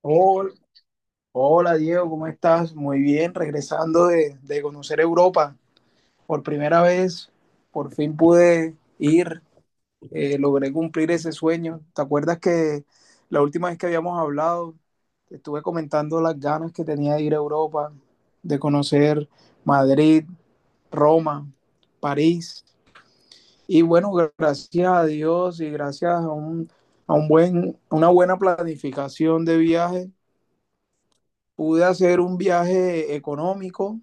Hola, hola, Diego, ¿cómo estás? Muy bien, regresando de conocer Europa por primera vez, por fin pude ir, logré cumplir ese sueño. ¿Te acuerdas que la última vez que habíamos hablado, te estuve comentando las ganas que tenía de ir a Europa, de conocer Madrid, Roma, París? Y bueno, gracias a Dios y gracias a una buena planificación de viaje pude hacer un viaje económico,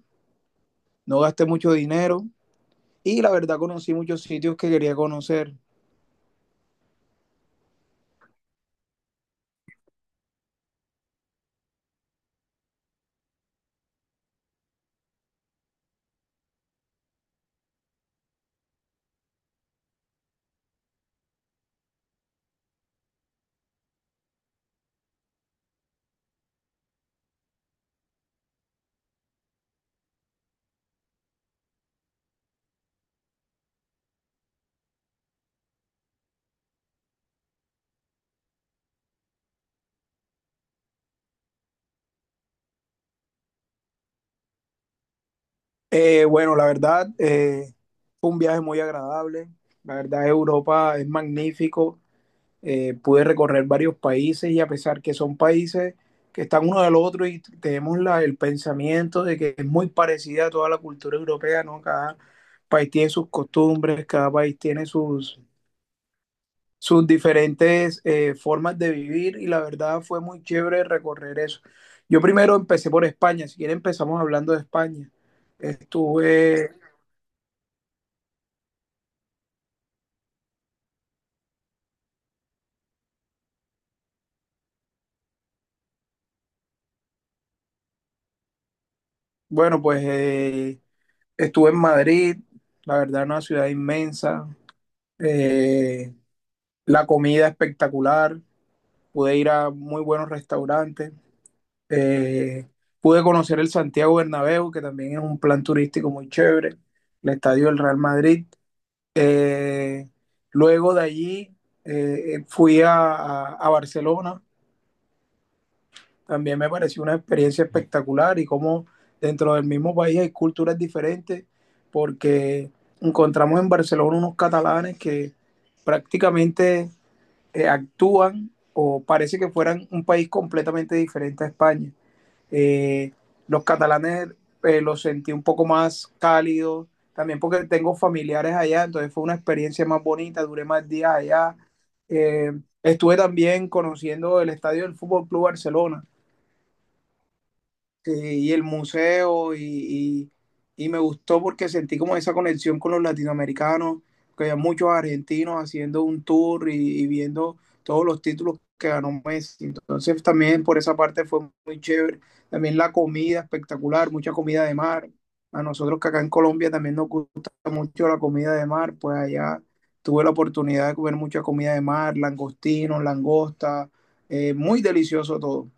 no gasté mucho dinero y la verdad conocí muchos sitios que quería conocer. Bueno, la verdad fue un viaje muy agradable. La verdad Europa es magnífico. Pude recorrer varios países y a pesar que son países que están uno del otro y tenemos el pensamiento de que es muy parecida a toda la cultura europea, ¿no? Cada país tiene sus costumbres, cada país tiene sus diferentes formas de vivir y la verdad fue muy chévere recorrer eso. Yo primero empecé por España, si quieren empezamos hablando de España. Estuve, bueno, pues estuve en Madrid, la verdad una ciudad inmensa, eh, la comida espectacular, pude ir a muy buenos restaurantes, eh, pude conocer el Santiago Bernabéu, que también es un plan turístico muy chévere, el estadio del Real Madrid. Eh, luego de allí a Barcelona, también me pareció una experiencia espectacular y como dentro del mismo país hay culturas diferentes, porque encontramos en Barcelona unos catalanes que prácticamente actúan o parece que fueran un país completamente diferente a España. Eh, los catalanes los sentí un poco más cálidos, también porque tengo familiares allá, entonces fue una experiencia más bonita, duré más días allá. Eh, estuve también conociendo el estadio del Fútbol Club Barcelona. Sí, y el museo, y- y me gustó porque sentí como esa conexión con los latinoamericanos, que había muchos argentinos haciendo un tour y viendo todos los títulos que ganó Messi. Entonces también por esa parte fue muy chévere. También la comida espectacular, mucha comida de mar. A nosotros que acá en Colombia también nos gusta mucho la comida de mar, pues allá tuve la oportunidad de comer mucha comida de mar, langostinos, langosta, muy delicioso todo.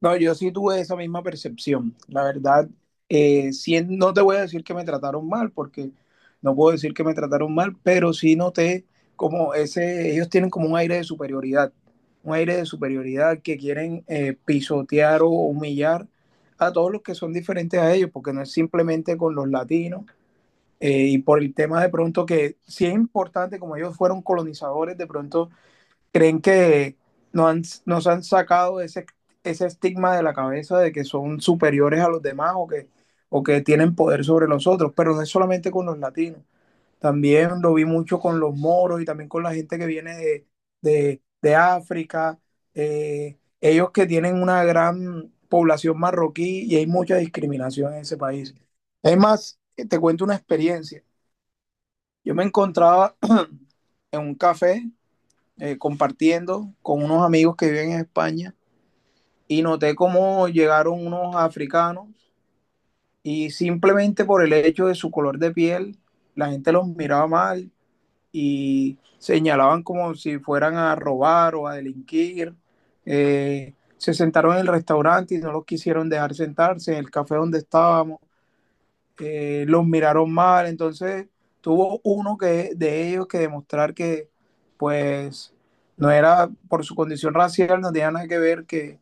No, yo sí tuve esa misma percepción. La verdad, sí, no te voy a decir que me trataron mal, porque no puedo decir que me trataron mal, pero sí noté como ese, ellos tienen como un aire de superioridad, un aire de superioridad que quieren pisotear o humillar a todos los que son diferentes a ellos, porque no es simplemente con los latinos. Y por el tema de pronto que sí es importante, como ellos fueron colonizadores, de pronto creen que no han, nos han sacado ese, ese estigma de la cabeza de que son superiores a los demás o que tienen poder sobre los otros, pero no es solamente con los latinos, también lo vi mucho con los moros y también con la gente que viene de África, ellos que tienen una gran población marroquí y hay mucha discriminación en ese país. Es más, te cuento una experiencia. Yo me encontraba en un café compartiendo con unos amigos que viven en España y noté cómo llegaron unos africanos y simplemente por el hecho de su color de piel, la gente los miraba mal y señalaban como si fueran a robar o a delinquir. Se sentaron en el restaurante y no los quisieron dejar sentarse en el café donde estábamos los miraron mal, entonces tuvo uno que, de ellos que demostrar que pues no era por su condición racial, no tenía nada que ver que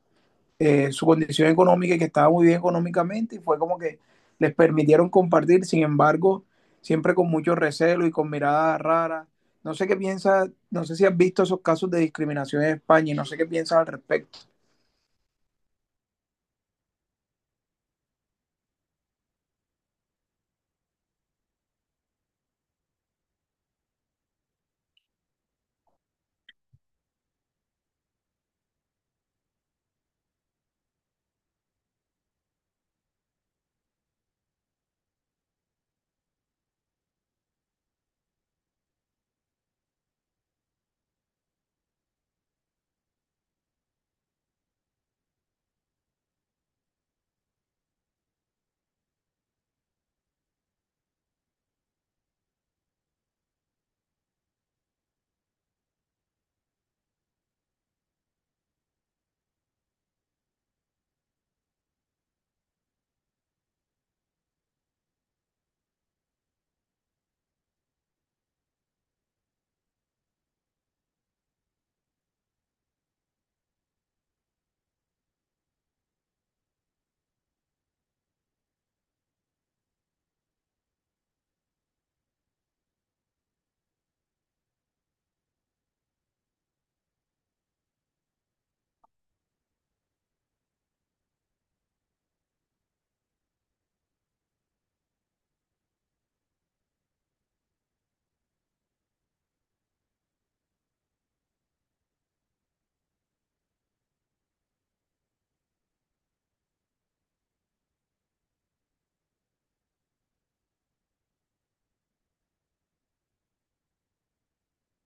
su condición económica y que estaba muy bien económicamente y fue como que les permitieron compartir, sin embargo, siempre con mucho recelo y con miradas raras. No sé qué piensas, no sé si has visto esos casos de discriminación en España y no sé qué piensas al respecto.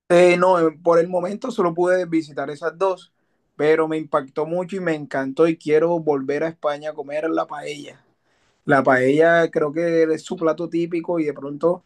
No, por el momento solo pude visitar esas dos, pero me impactó mucho y me encantó y quiero volver a España a comer la paella. La paella creo que es su plato típico y de pronto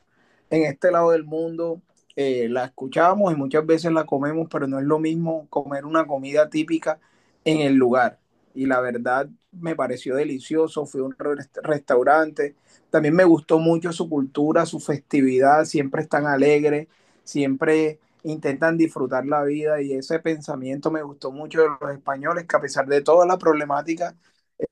en este lado del mundo la escuchamos y muchas veces la comemos, pero no es lo mismo comer una comida típica en el lugar. Y la verdad me pareció delicioso, fui a un restaurante, también me gustó mucho su cultura, su festividad, siempre están alegres, siempre intentan disfrutar la vida y ese pensamiento me gustó mucho de los españoles, que a pesar de toda la problemática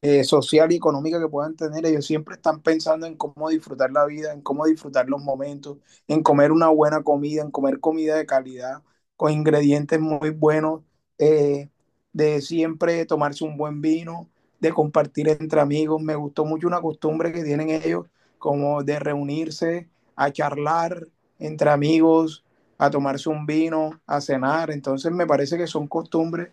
social y económica que puedan tener, ellos siempre están pensando en cómo disfrutar la vida, en cómo disfrutar los momentos, en comer una buena comida, en comer comida de calidad, con ingredientes muy buenos, eh, de siempre tomarse un buen vino, de compartir entre amigos. Me gustó mucho una costumbre que tienen ellos, como de reunirse a charlar entre amigos, a tomarse un vino, a cenar. Entonces me parece que son costumbres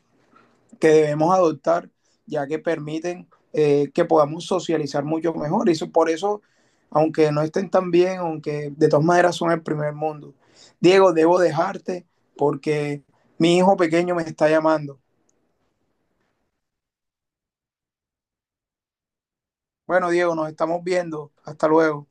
que debemos adoptar, ya que permiten que podamos socializar mucho mejor. Y eso, por eso, aunque no estén tan bien, aunque de todas maneras son el primer mundo. Diego, debo dejarte porque mi hijo pequeño me está llamando. Bueno, Diego, nos estamos viendo. Hasta luego.